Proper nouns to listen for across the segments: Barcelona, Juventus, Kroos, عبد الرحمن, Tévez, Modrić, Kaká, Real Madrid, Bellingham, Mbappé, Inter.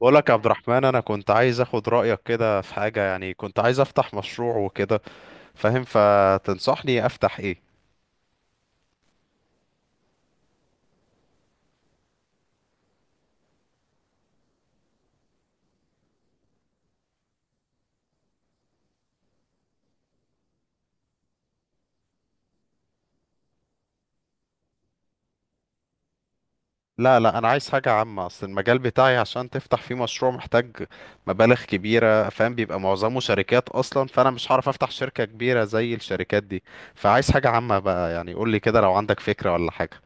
بقول لك يا عبد الرحمن، انا كنت عايز اخد رايك كده في حاجه. يعني كنت عايز افتح مشروع وكده، فاهم؟ فتنصحني افتح ايه؟ لا لا، انا عايز حاجه عامه. اصل المجال بتاعي عشان تفتح فيه مشروع محتاج مبالغ كبيره، فاهم؟ بيبقى معظمه شركات اصلا، فانا مش هعرف افتح شركه كبيره زي الشركات دي. فعايز حاجه عامه بقى. يعني قول لي كده لو عندك فكره ولا حاجه.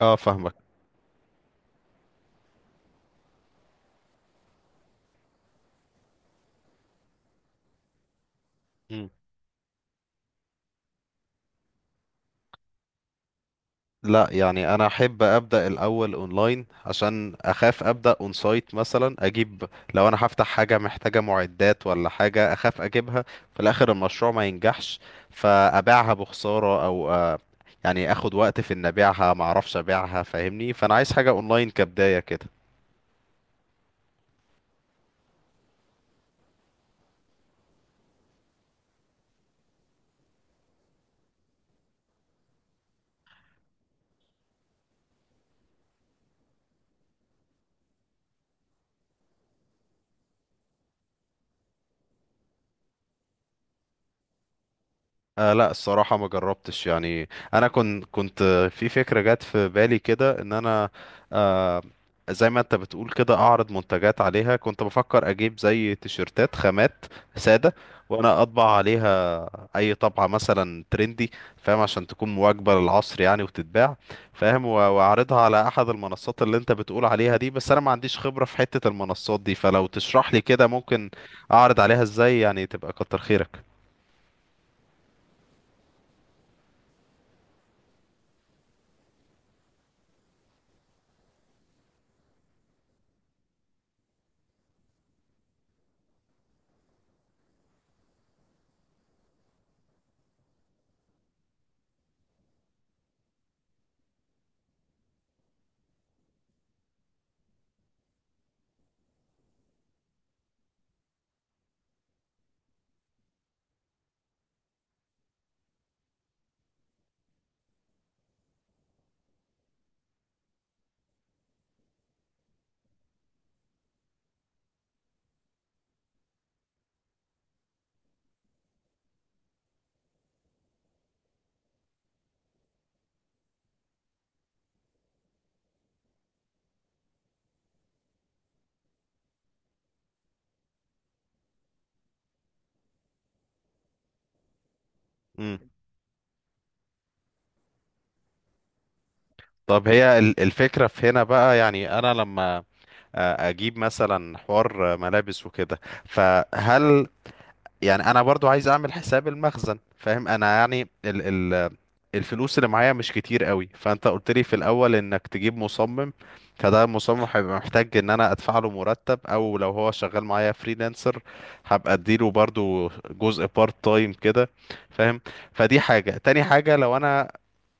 اه، فاهمك. لا يعني انا احب ابدا الاول اونلاين، عشان اخاف ابدا اون سايت مثلا اجيب. لو انا هفتح حاجه محتاجه معدات ولا حاجه، اخاف اجيبها في الاخر المشروع ما ينجحش، فابيعها بخساره، او يعني اخد وقت في ان ابيعها، ما اعرفش ابيعها، فاهمني؟ فانا عايز حاجه اونلاين كبدايه كده. آه لا، الصراحة ما جربتش يعني. أنا كنت في فكرة جت في بالي كده، إن أنا آه، زي ما أنت بتقول كده أعرض منتجات عليها. كنت بفكر أجيب زي تيشرتات خامات سادة وأنا أطبع عليها أي طبعة مثلا ترندي، فاهم؟ عشان تكون مواكبة للعصر يعني وتتباع، فاهم؟ و- وأعرضها على أحد المنصات اللي أنت بتقول عليها دي. بس أنا ما عنديش خبرة في حتة المنصات دي، فلو تشرح لي كده ممكن أعرض عليها إزاي، يعني تبقى كتر خيرك. طب هي الفكرة في هنا بقى، يعني أنا لما أجيب مثلا حوار ملابس وكده، فهل يعني أنا برضو عايز أعمل حساب المخزن، فاهم أنا يعني؟ الفلوس اللي معايا مش كتير قوي. فانت قلت لي في الاول انك تجيب مصمم، فده المصمم هيبقى محتاج ان انا ادفع له مرتب، او لو هو شغال معايا فريلانسر هبقى اديله برضو جزء بارت تايم كده، فاهم؟ فدي حاجة. تاني حاجة، لو انا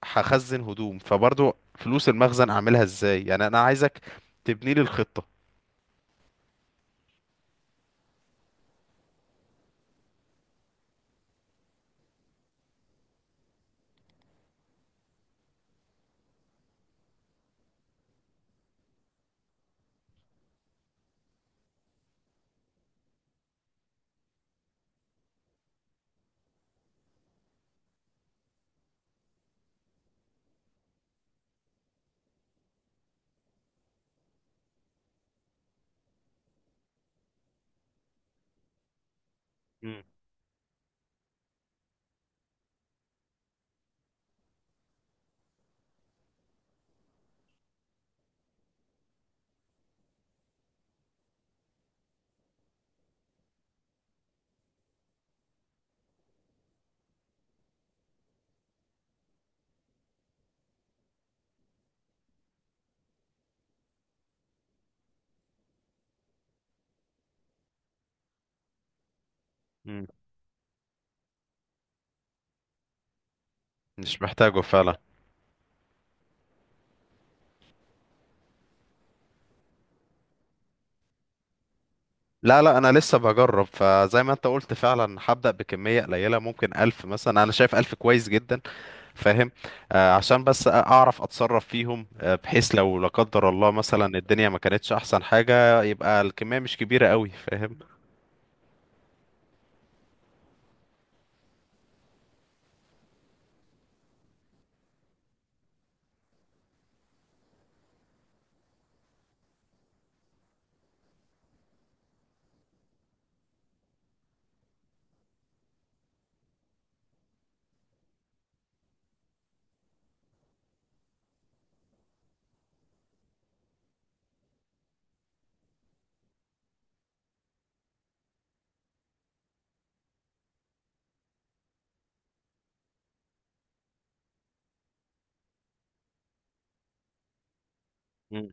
هخزن هدوم فبرضو فلوس المخزن اعملها ازاي؟ يعني انا عايزك تبني لي الخطة. مم. مم. مش محتاجه فعلا. لا لا، انا لسه بجرب، فزي ما انت قلت فعلا هبدأ بكمية قليلة. ممكن ألف مثلا، انا شايف ألف كويس جدا، فاهم؟ عشان بس اعرف اتصرف فيهم. بحيث لو لا قدر الله مثلا الدنيا ما كانتش احسن حاجة، يبقى الكمية مش كبيرة قوي، فاهم؟ مم.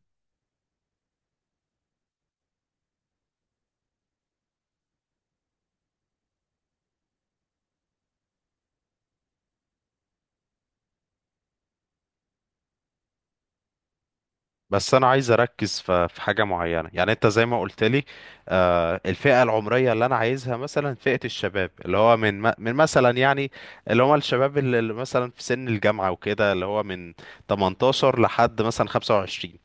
بس انا عايز اركز في حاجة معينة. يعني انت زي ما قلت لي الفئة العمرية اللي انا عايزها مثلا فئة الشباب، اللي هو من من مثلا يعني، اللي هم الشباب اللي مثلا في سن الجامعة وكده، اللي هو من 18 لحد مثلا 25،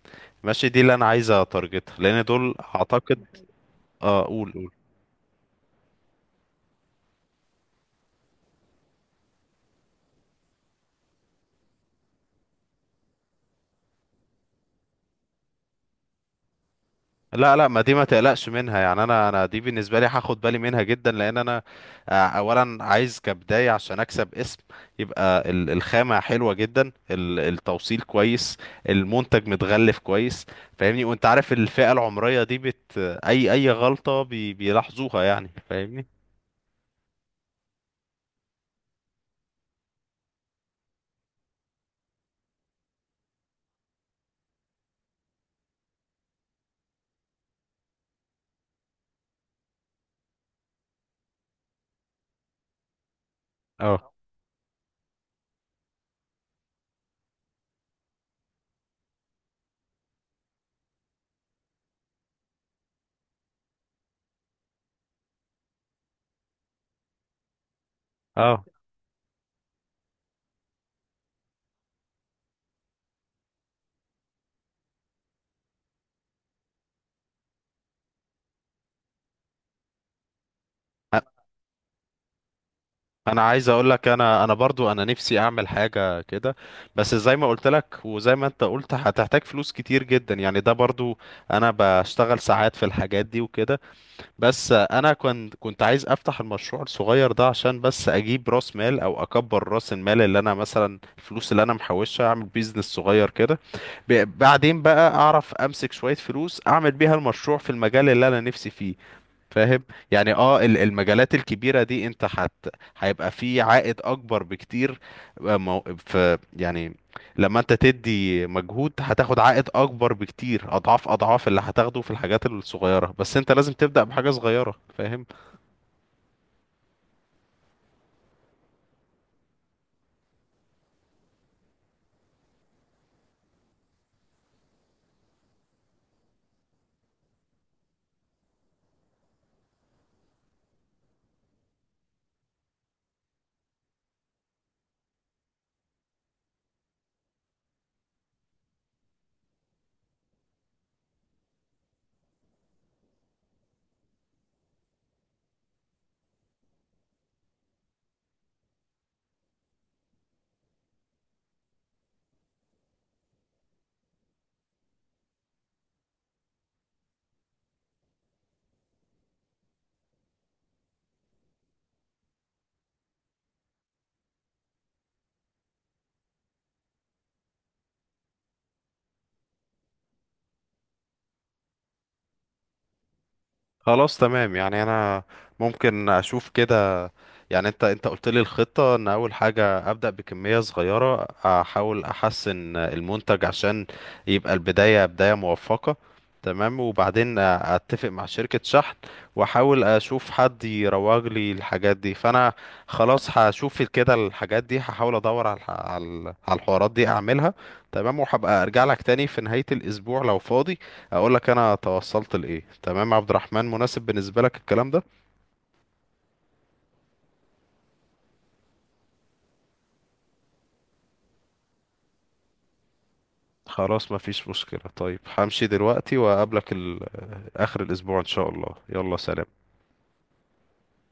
ماشي؟ دي اللي انا عايز اتارجتها لان دول اعتقد اقول. لا لا، ما دي ما تقلقش منها يعني. انا دي بالنسبه لي هاخد بالي منها جدا، لان انا اولا عايز كبدايه عشان اكسب اسم. يبقى الخامه حلوه جدا، التوصيل كويس، المنتج متغلف كويس، فاهمني؟ وانت عارف الفئه العمريه دي بت اي اي غلطه بي بيلاحظوها، يعني فاهمني؟ اه اه، انا عايز اقول لك انا، انا برضو انا نفسي اعمل حاجه كده. بس زي ما قلت لك وزي ما انت قلت، هتحتاج فلوس كتير جدا، يعني ده برضو. انا بشتغل ساعات في الحاجات دي وكده. بس انا كنت عايز افتح المشروع الصغير ده عشان بس اجيب راس مال، او اكبر راس المال اللي انا مثلا الفلوس اللي انا محوشها اعمل بيزنس صغير كده. بعدين بقى اعرف امسك شويه فلوس اعمل بيها المشروع في المجال اللي انا نفسي فيه، فاهم؟ يعني اه، المجالات الكبيرة دي انت حت، هيبقى في عائد اكبر بكتير. آه، مو- ف يعني لما انت تدي مجهود هتاخد عائد اكبر بكتير، اضعاف اضعاف اللي هتاخده في الحاجات الصغيرة. بس انت لازم تبدأ بحاجة صغيرة، فاهم؟ خلاص تمام. يعني انا ممكن اشوف كده. يعني انت، انت قلت لي الخطة ان اول حاجة ابدأ بكمية صغيرة، احاول احسن المنتج عشان يبقى البداية بداية موفقة. تمام. وبعدين اتفق مع شركة شحن، واحاول اشوف حد يروج لي الحاجات دي. فانا خلاص هشوف كده الحاجات دي. هحاول ادور على على الحوارات دي اعملها. تمام. وهبقى ارجع لك تاني في نهاية الاسبوع لو فاضي، اقول لك انا توصلت لايه. تمام يا عبد الرحمن، مناسب بالنسبة لك الكلام ده؟ خلاص مفيش مشكلة. طيب همشي دلوقتي وأقابلك آخر الأسبوع إن شاء الله. يلا سلام.